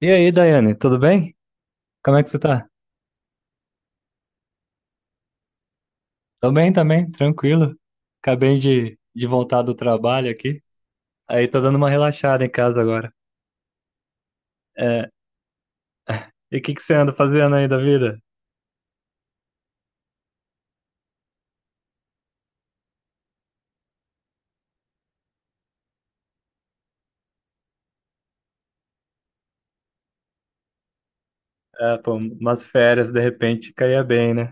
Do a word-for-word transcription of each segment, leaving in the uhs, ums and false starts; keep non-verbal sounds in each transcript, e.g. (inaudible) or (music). E aí, Daiane, tudo bem? Como é que você tá? Tô bem também, tranquilo. Acabei de, de voltar do trabalho aqui. Aí tô dando uma relaxada em casa agora. É, e o que que você anda fazendo aí da vida? É, pô, umas férias de repente caía bem, né?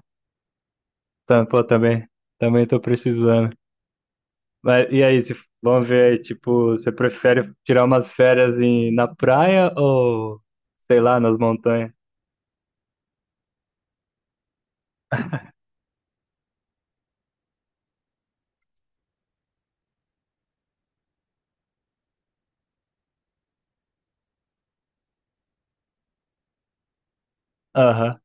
Tá, pô, também, também tô precisando. Mas e aí, se, vamos ver aí, tipo, você prefere tirar umas férias em, na praia ou, sei lá, nas montanhas? Aham.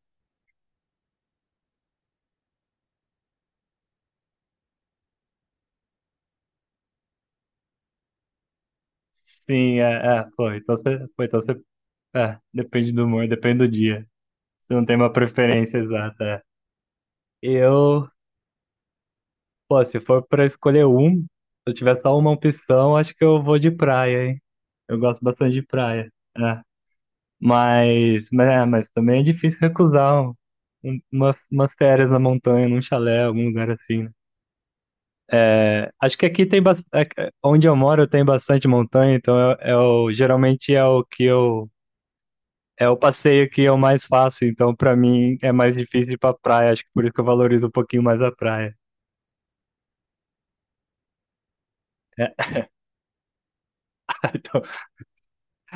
Sim, é, é, pô, então você, pô, então você, é, depende do humor, depende do dia. Você não tem uma preferência exata. É. Eu, pô, se for pra escolher um, se eu tiver só uma opção, acho que eu vou de praia, hein? Eu gosto bastante de praia. É. Mas, mas, é, mas também é difícil recusar um- um- uma, umas férias na montanha, num chalé, algum lugar assim, né? É, acho que aqui tem bastante. Onde eu moro tem bastante montanha, então é, é o, geralmente é o que eu. É o passeio que eu mais faço, então pra mim é mais difícil ir pra praia, acho que por isso que eu valorizo um pouquinho mais a praia. (laughs) Então,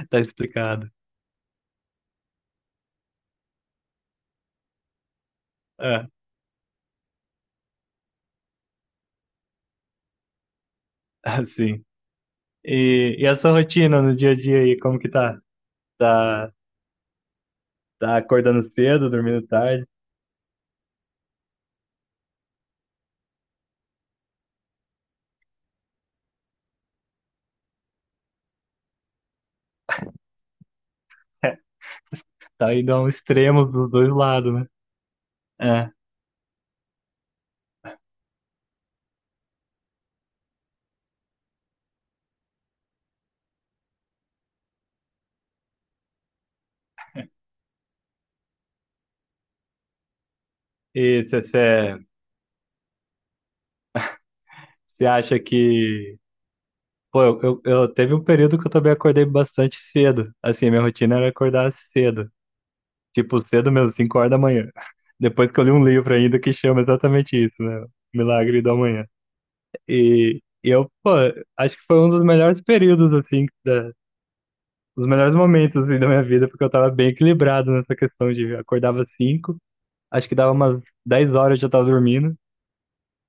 tá explicado. É, (laughs) assim. E, e a sua rotina no dia a dia aí, como que tá? Tá, tá acordando cedo, dormindo tarde? (laughs) Tá indo a um extremo dos dois lados, né? É. E você acha que. Pô, eu, eu, eu- teve um período que eu também acordei bastante cedo. Assim, minha rotina era acordar cedo. Tipo, cedo mesmo, cinco horas da manhã. (laughs) Depois que eu li um livro ainda que chama exatamente isso, né? Milagre da Manhã. E, e eu, pô, acho que foi um dos melhores períodos, assim, da, os melhores momentos, assim, da minha vida, porque eu tava bem equilibrado nessa questão de acordava às cinco, acho que dava umas dez horas eu já tava dormindo,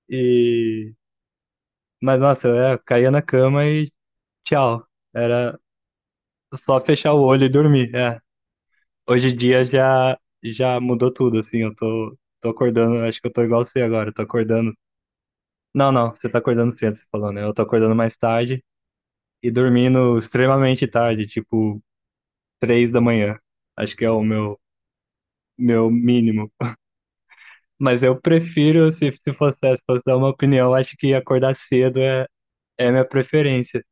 e... Mas, nossa, eu é, caía na cama e tchau. Era só fechar o olho e dormir, é. Hoje em dia já, já mudou tudo, assim, eu tô, tô acordando, acho que eu tô igual você agora, eu tô acordando... Não, não, você tá acordando cedo, você falou, né? Eu tô acordando mais tarde e dormindo extremamente tarde, tipo três da manhã. Acho que é o meu, meu mínimo. Mas eu prefiro, se, se fosse, se fosse dar uma opinião, acho que acordar cedo é, é a minha preferência.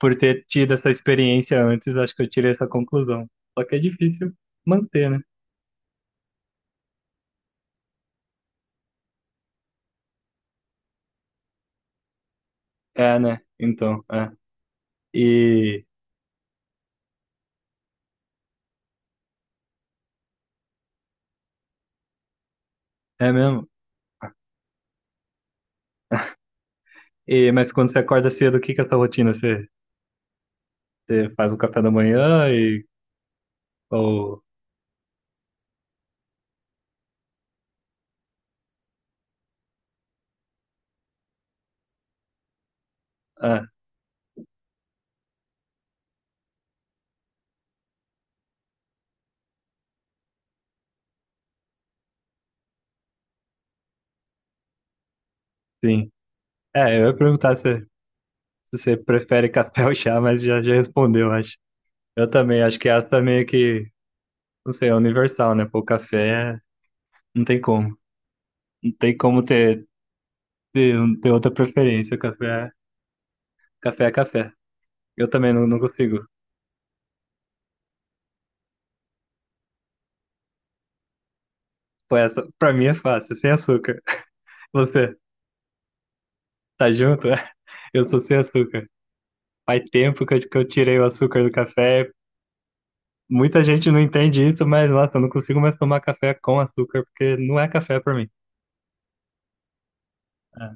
Por ter tido essa experiência antes, acho que eu tirei essa conclusão. Só que é difícil manter, né? É, né? Então, é. E é mesmo. E, mas quando você acorda cedo, o que que é essa rotina? Você, você faz o café da manhã e. Ou. Ah, sim. É, eu ia perguntar se, se você prefere (laughs) café ou chá, mas já, já respondeu, acho. Eu também, acho que essa é meio que, não sei, é universal, né? Pô, café é- não tem como. Não tem como ter, ter, ter outra preferência. Café, é- café é café. Eu também não, não consigo. Pô, essa pra mim é fácil, é sem açúcar. (laughs) Você tá junto? (laughs) Eu sou sem açúcar. Faz tempo que eu, que eu tirei o açúcar do café. Muita gente não entende isso, mas nossa, eu não consigo mais tomar café com açúcar, porque não é café pra mim. É,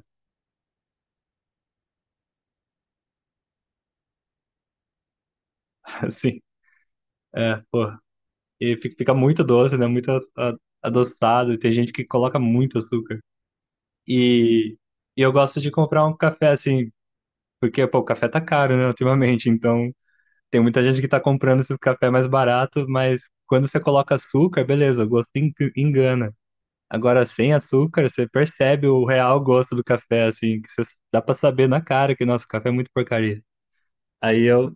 (laughs) assim, é, pô. E fi- fica muito doce, né? Muito a- a- adoçado, e tem gente que coloca muito açúcar. E, e eu gosto de comprar um café assim, porque pô, o café tá caro, né, ultimamente. Então tem muita gente que tá comprando esses cafés mais baratos, mas quando você coloca açúcar, beleza, o gosto en- engana. Agora, sem açúcar, você percebe o real gosto do café, assim, que você, dá pra saber na cara que nosso café é muito porcaria. Aí eu,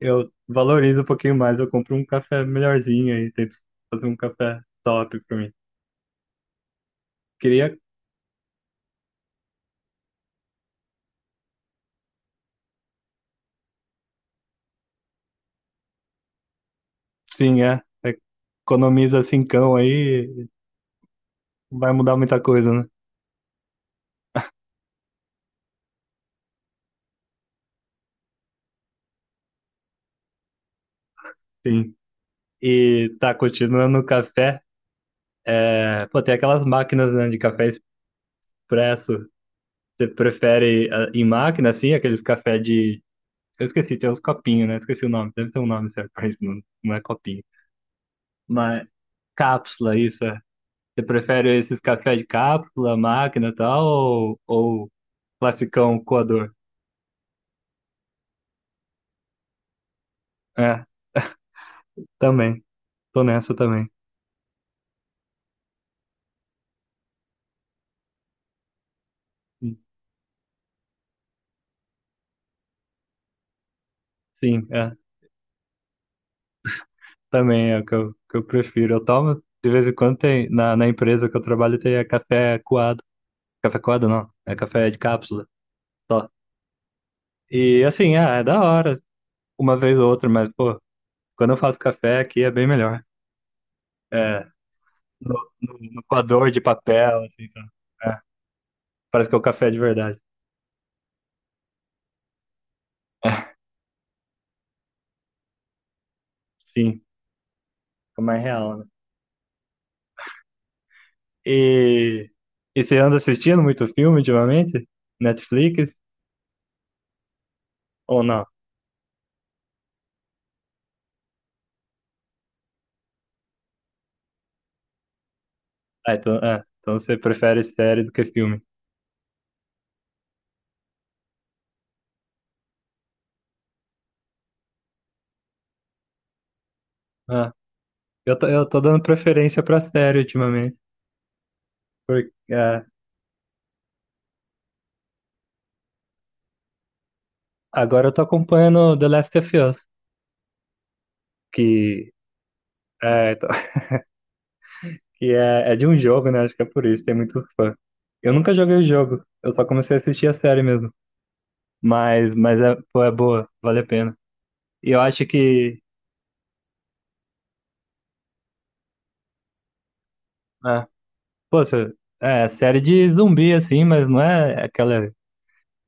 eu valorizo um pouquinho mais, eu compro um café melhorzinho aí, tento fazer um café top pra mim. Queria, sim, é. É economiza cincão aí. Não vai mudar muita coisa, né? Sim. E tá continuando o café. É, pô, tem aquelas máquinas, né, de café expresso. Você prefere ah, em máquina, assim, aqueles café de. Eu esqueci, tem uns copinhos, né? Esqueci o nome. Deve ter um nome certo pra isso, não, não é copinho. Mas cápsula, isso é. Você prefere esses café de cápsula, máquina e tal, ou, ou classicão coador? É, também. Tô nessa também. Sim, é. Também é o que eu, que eu prefiro. Eu tomo, de vez em quando tem, na, na empresa que eu trabalho tem é café coado. Café coado não, é café de cápsula só. E assim, ah, é da hora, uma vez ou outra, mas pô, quando eu faço café aqui é bem melhor. É, no, no, no coador de papel, assim, tá? É, parece que é o café de verdade. Sim, fica mais real, né? E, e você anda assistindo muito filme ultimamente? Netflix ou não? Ah, então, é, então você prefere série do que filme. Ah, Eu tô, eu tô dando preferência pra série ultimamente. É, agora eu tô acompanhando The Last of Us, que é, tô- (laughs) que é, é de um jogo, né? Acho que é por isso, tem muito fã. Eu nunca joguei o jogo, eu só comecei a assistir a série mesmo. Mas, mas é, pô, é boa, vale a pena. E eu acho que, é, pô, se- é série de zumbi, assim, mas não é aquela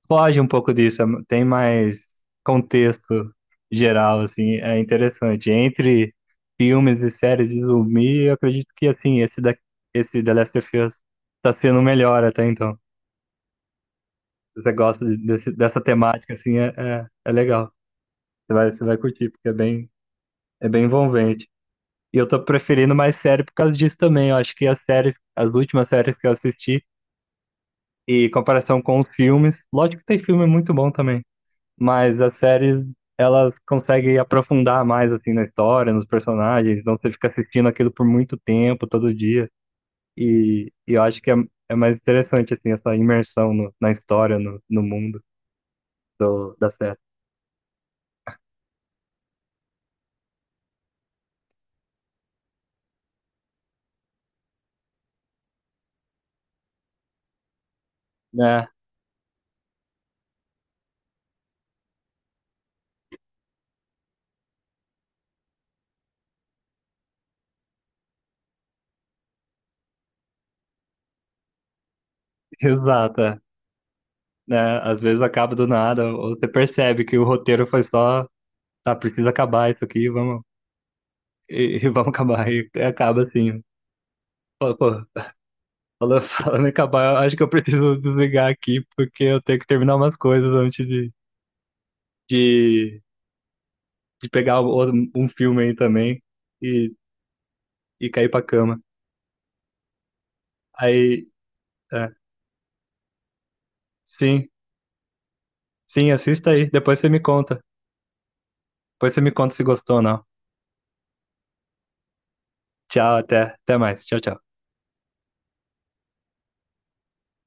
foge um pouco disso, é- tem mais contexto geral, assim, é interessante. Entre filmes e séries de zumbi, eu acredito que, assim, esse, da, esse The Last of Us tá sendo o melhor até então. Se você gosta de- desse- dessa temática, assim, é, é, é legal. Você vai, você vai curtir, porque é bem, é bem envolvente. E eu tô preferindo mais série por causa disso também. Eu acho que as séries, as últimas séries que eu assisti, e em comparação com os filmes, lógico que tem filme muito bom também. Mas as séries elas conseguem aprofundar mais assim na história, nos personagens, então você fica assistindo aquilo por muito tempo, todo dia, e, e eu acho que é, é mais interessante assim essa imersão no- na história, no, no mundo do, da série. É, (laughs) exato, é. Né? Às vezes acaba do nada, ou você percebe que o roteiro foi só, tá, precisa acabar isso aqui, vamos, e, e vamos acabar, e acaba assim. Pô, pô, Falando, falando em acabar, eu (laughs) acho que eu preciso desligar aqui, porque eu tenho que terminar umas coisas antes de, de, de pegar o- um filme aí também e, e cair pra cama. Aí, é, sim, sim, assista aí. Depois você me conta. Depois você me conta se gostou ou não. Tchau, até, até mais. Tchau, tchau.